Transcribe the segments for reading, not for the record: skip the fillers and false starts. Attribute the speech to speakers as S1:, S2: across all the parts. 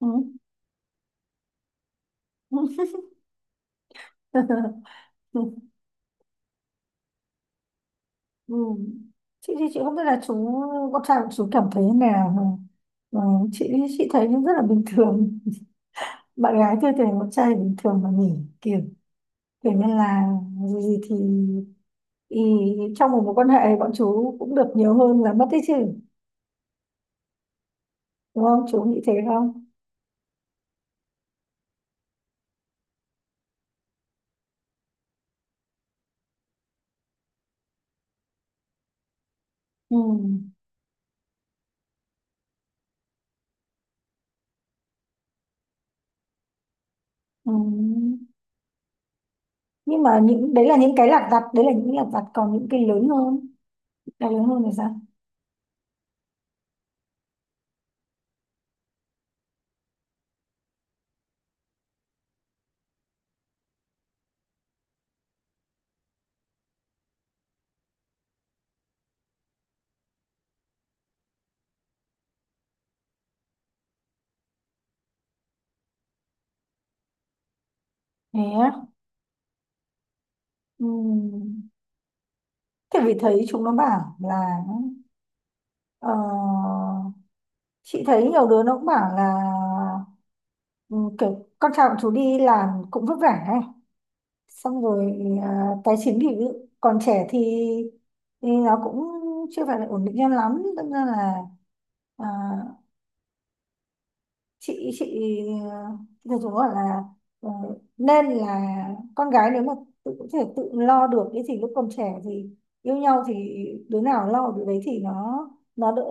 S1: Ừ. Ừ. Ừ. Chị thì chị không biết là con trai của chú cảm thấy thế nào mà chị chị thấy nó rất là bình thường. Bạn gái tôi thấy con trai bình thường mà nhỉ. Kiểu kiểu như là gì gì thì, thì trong một mối quan hệ bọn chú cũng được nhiều hơn là mất đấy chứ. Đúng không, chú nghĩ thế không? Ừ. Ừ. Nhưng mà những đấy là những cái lặt vặt, đấy là những lặt vặt, còn những cái lớn hơn thì sao? Thế á? Ừ. Thế vì thấy chúng nó bảo là, ờ, chị thấy nhiều đứa nó cũng bảo là, ừ, kiểu con trai của chú đi làm cũng vất vả ấy. Xong rồi, ờ, tài chính thì còn trẻ thì, nó cũng chưa phải là ổn định cho lắm. Đâm ra là, à, chị dù dù gọi là, ờ, nên là con gái nếu mà tự có thể tự lo được cái gì lúc còn trẻ thì, yêu nhau thì đứa nào lo được đấy thì nó đỡ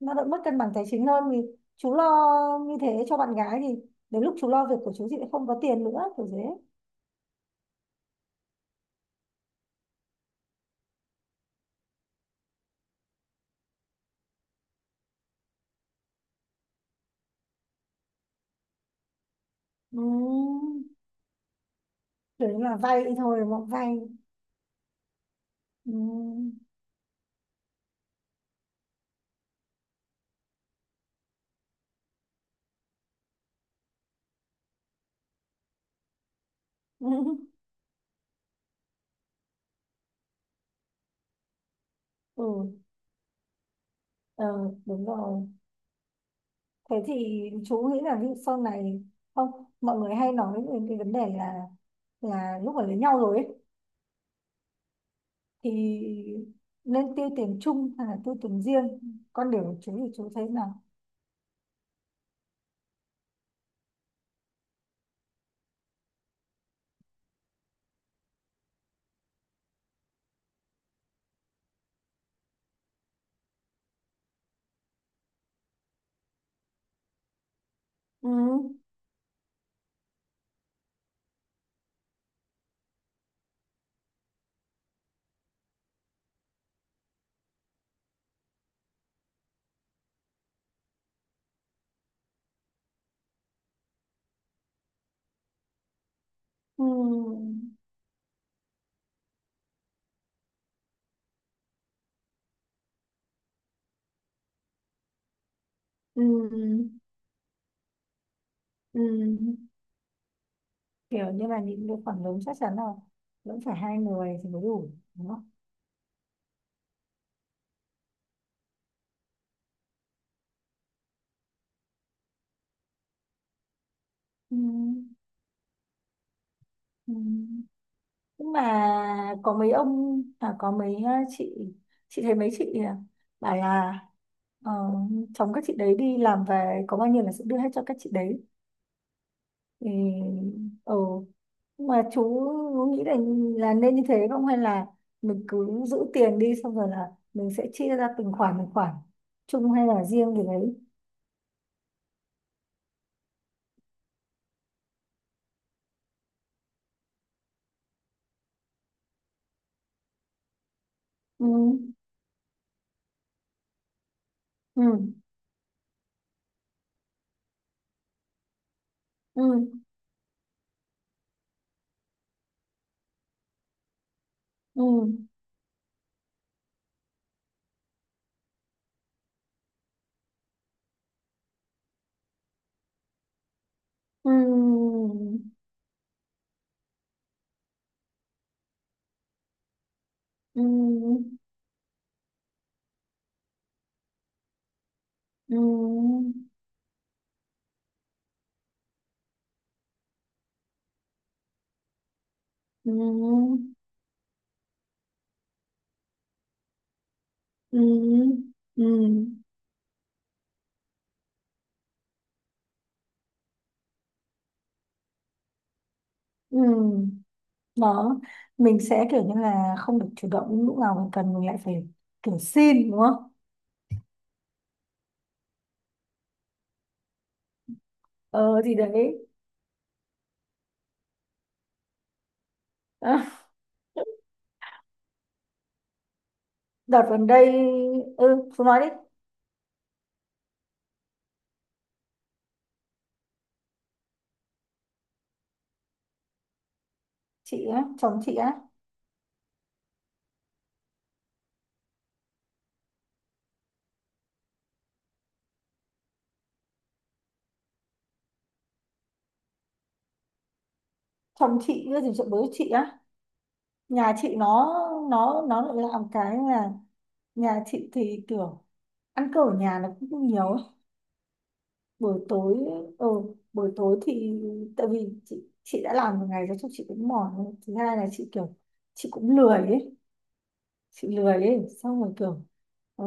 S1: nó đỡ mất cân bằng tài chính hơn, vì chú lo như thế cho bạn gái thì đến lúc chú lo việc của chú, chị lại không có tiền, nữa kiểu thế. Ừ. Đấy là vay thôi, mộng vay. Ừ. Ừ. Ờ, đúng rồi. Thế thì chú nghĩ là ví dụ sau này, không, mọi người hay nói về cái vấn đề là, lúc mà lấy nhau rồi ấy, thì nên tiêu tiền chung hay là tiêu tiền riêng, con điều của chú thì chú thấy nào? Ừ, ừ, ừ, ừ. Kiểu như là những cái khoản lớn chắc chắn là vẫn phải hai người thì mới đủ, đúng không? Ừ, ừ. Nhưng mà có có chị chị thấy mấy chị bảo là, ờ, chồng các chị đấy đi làm về có bao nhiêu là sẽ đưa hết cho các chị đấy, thì ừ. Nhưng mà chú nghĩ là nên như thế không, hay là mình cứ giữ tiền đi xong rồi là mình sẽ chia ra từng khoản từng khoản, chung hay là riêng gì đấy? Ừ, ừ, ừ, ừ, ừ, ừ, ừ, ừ, ừ, ừ, ừ, ừ. Đó, mình sẽ kiểu như là không được chủ động, lúc nào mình cần mình lại phải kiểu xin, đúng không? Ờ thì đấy. Đợt gần đây. Ừ, chú nói đi. Chị á? Chồng chị á? Chồng chị cái gì? Chuyện bố chị á? Nhà chị nó lại làm cái là, nhà chị thì kiểu ăn cơm ở nhà nó cũng nhiều, buổi tối, ừ, buổi tối thì tại vì chị đã làm một ngày rồi chắc chị cũng mỏi rồi. Thứ hai là chị kiểu, chị cũng lười ấy, chị lười ấy, xong rồi kiểu, ờ,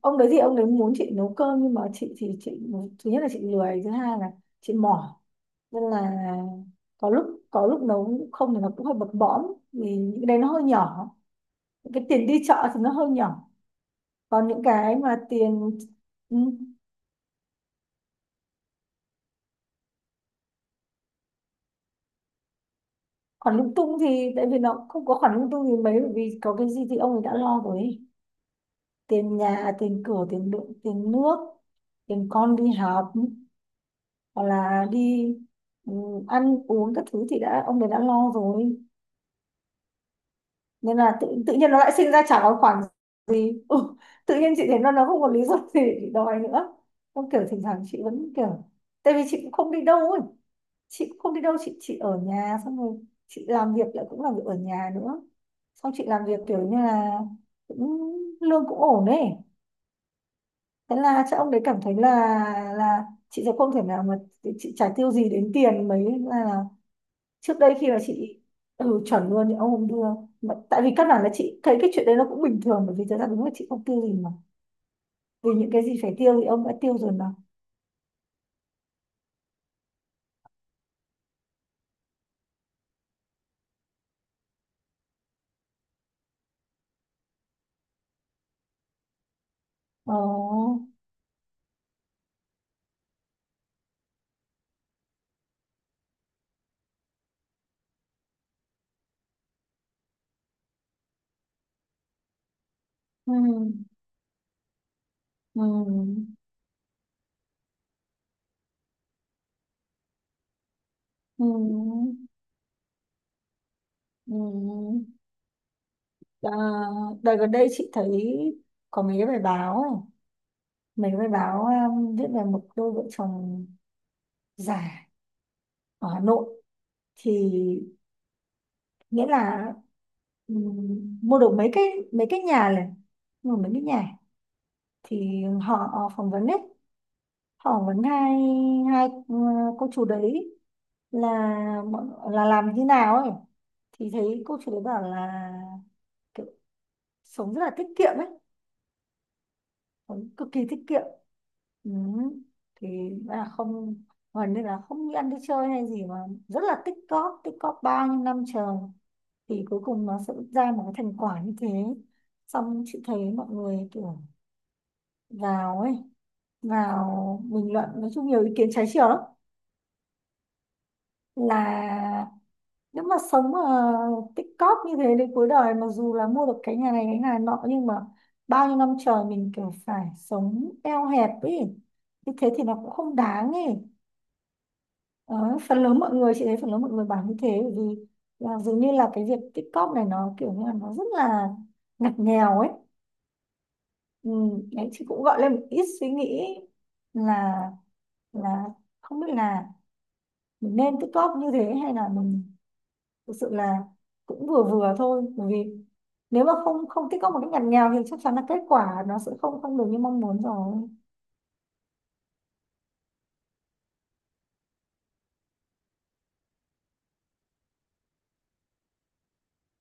S1: ông đấy thì ông đấy muốn chị nấu cơm, nhưng mà chị thì chị, thứ nhất là chị lười, thứ hai là chị mỏi, nên là có lúc, nấu cũng không thì nó cũng hơi bập bõm vì những cái đấy nó hơi nhỏ, những cái tiền đi chợ thì nó hơi nhỏ. Còn những cái mà tiền, ừ, khoản lung tung thì tại vì nó không có khoản lung tung gì mấy, bởi vì có cái gì thì ông ấy đã lo rồi ấy. Tiền nhà, tiền cửa, tiền điện, tiền nước, tiền con đi học, hoặc là đi, ừ, ăn uống các thứ thì ông ấy đã lo rồi. Nên là tự nhiên nó lại sinh ra chả có khoản gì. Ừ, Tự nhiên chị thấy nó không có lý do gì để đòi nữa. Không, kiểu thỉnh thoảng chị vẫn kiểu, tại vì chị cũng không đi đâu ấy, chị cũng không đi đâu, chị ở nhà xong rồi chị làm việc, lại cũng làm việc ở nhà nữa, xong chị làm việc kiểu như là cũng lương cũng ổn ấy. Thế là chắc ông đấy cảm thấy là chị sẽ không thể nào mà, chị chả tiêu gì đến tiền mấy, là trước đây khi mà chị, chuẩn luôn thì ông không đưa, mà tại vì căn bản là chị thấy cái chuyện đấy nó cũng bình thường, bởi vì thật ra đúng là chị không tiêu gì mà, vì những cái gì phải tiêu thì ông đã tiêu rồi mà. Ồ. Ừ. Ừ. Ừ. Ừ. Ừ. Ờ, đợt gần đây chị thấy có mấy cái bài báo ấy. Mấy cái bài báo, viết về một đôi vợ chồng già ở Hà Nội, thì nghĩa là, mua được mấy cái, nhà này, mua mấy cái nhà, thì họ phỏng vấn đấy, họ phỏng vấn hai hai, cô chú đấy là là làm như nào ấy, thì thấy cô chú đấy bảo là kiểu sống rất là tiết kiệm ấy. Huấn cực kỳ tiết kiệm. Ừ. Thì là không, Huấn nên là không đi ăn đi chơi hay gì mà rất là tích cóp, tích cóp bao nhiêu năm trời thì cuối cùng nó sẽ ra một cái thành quả như thế. Xong chị thấy mọi người kiểu vào ấy, vào bình luận, nói chung nhiều ý kiến trái chiều lắm. Là nếu mà sống mà tích cóp như thế đến cuối đời, mặc dù là mua được cái nhà này cái nhà nọ, nhưng mà bao nhiêu năm trời mình kiểu phải sống eo hẹp ấy, như thế thì nó cũng không đáng ấy. Đó, phần lớn mọi người, chị thấy phần lớn mọi người bảo như thế, bởi vì là dường như là cái việc tích cóp này nó kiểu như là nó rất là ngặt nghèo ấy. Ừ, đấy chị cũng gọi lên một ít suy nghĩ là là không biết là mình nên tích cóp như thế hay là mình thực sự là cũng vừa vừa thôi, bởi vì nếu mà không không tích góp một cách ngặt nghèo thì chắc chắn là kết quả nó sẽ không không được như mong muốn rồi.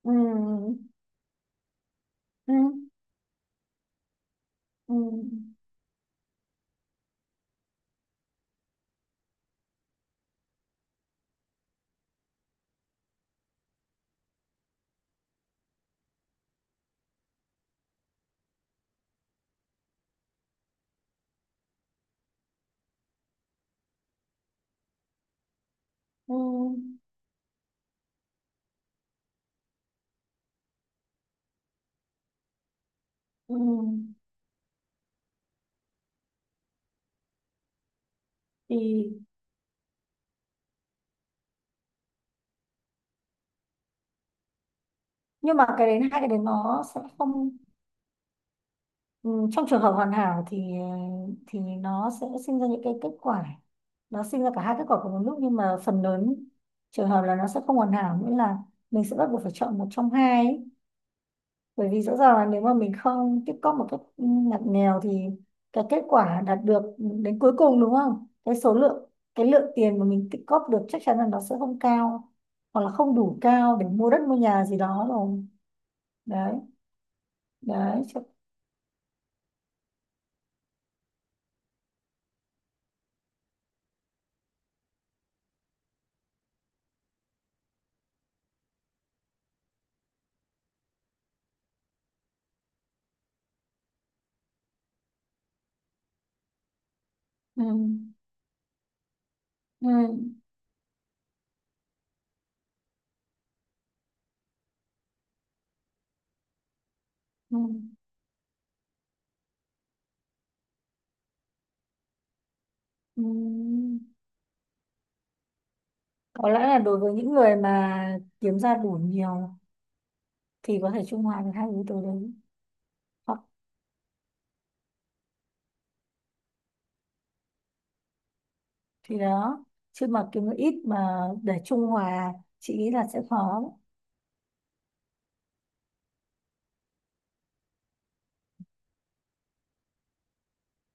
S1: Ừ, ừ, ừ, ừ, ừ. Thì nhưng mà cái đến, hai cái đến nó sẽ không, ừ, trong trường hợp hoàn hảo thì, thì nó sẽ sinh ra những cái kết quả, nó sinh ra cả hai kết quả cùng một lúc. Nhưng mà phần lớn trường hợp là nó sẽ không hoàn hảo, nghĩa là mình sẽ bắt buộc phải chọn một trong hai ấy. Bởi vì rõ ràng là nếu mà mình không tích cóp một cách, ngặt nghèo thì cái kết quả đạt được đến cuối cùng, đúng không, cái số lượng, cái lượng tiền mà mình tích cóp được chắc chắn là nó sẽ không cao, hoặc là không đủ cao để mua đất mua nhà gì đó rồi. Đấy. đấy chắc- ừ, ừ, ừ, ừ. Có lẽ là đối với những người mà kiếm ra đủ nhiều thì có thể trung hòa được hai yếu tố đấy, hoặc, thì đó, chứ mà kiếm được ít mà để trung hòa chị nghĩ là sẽ khó.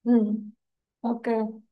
S1: Ừ. OK.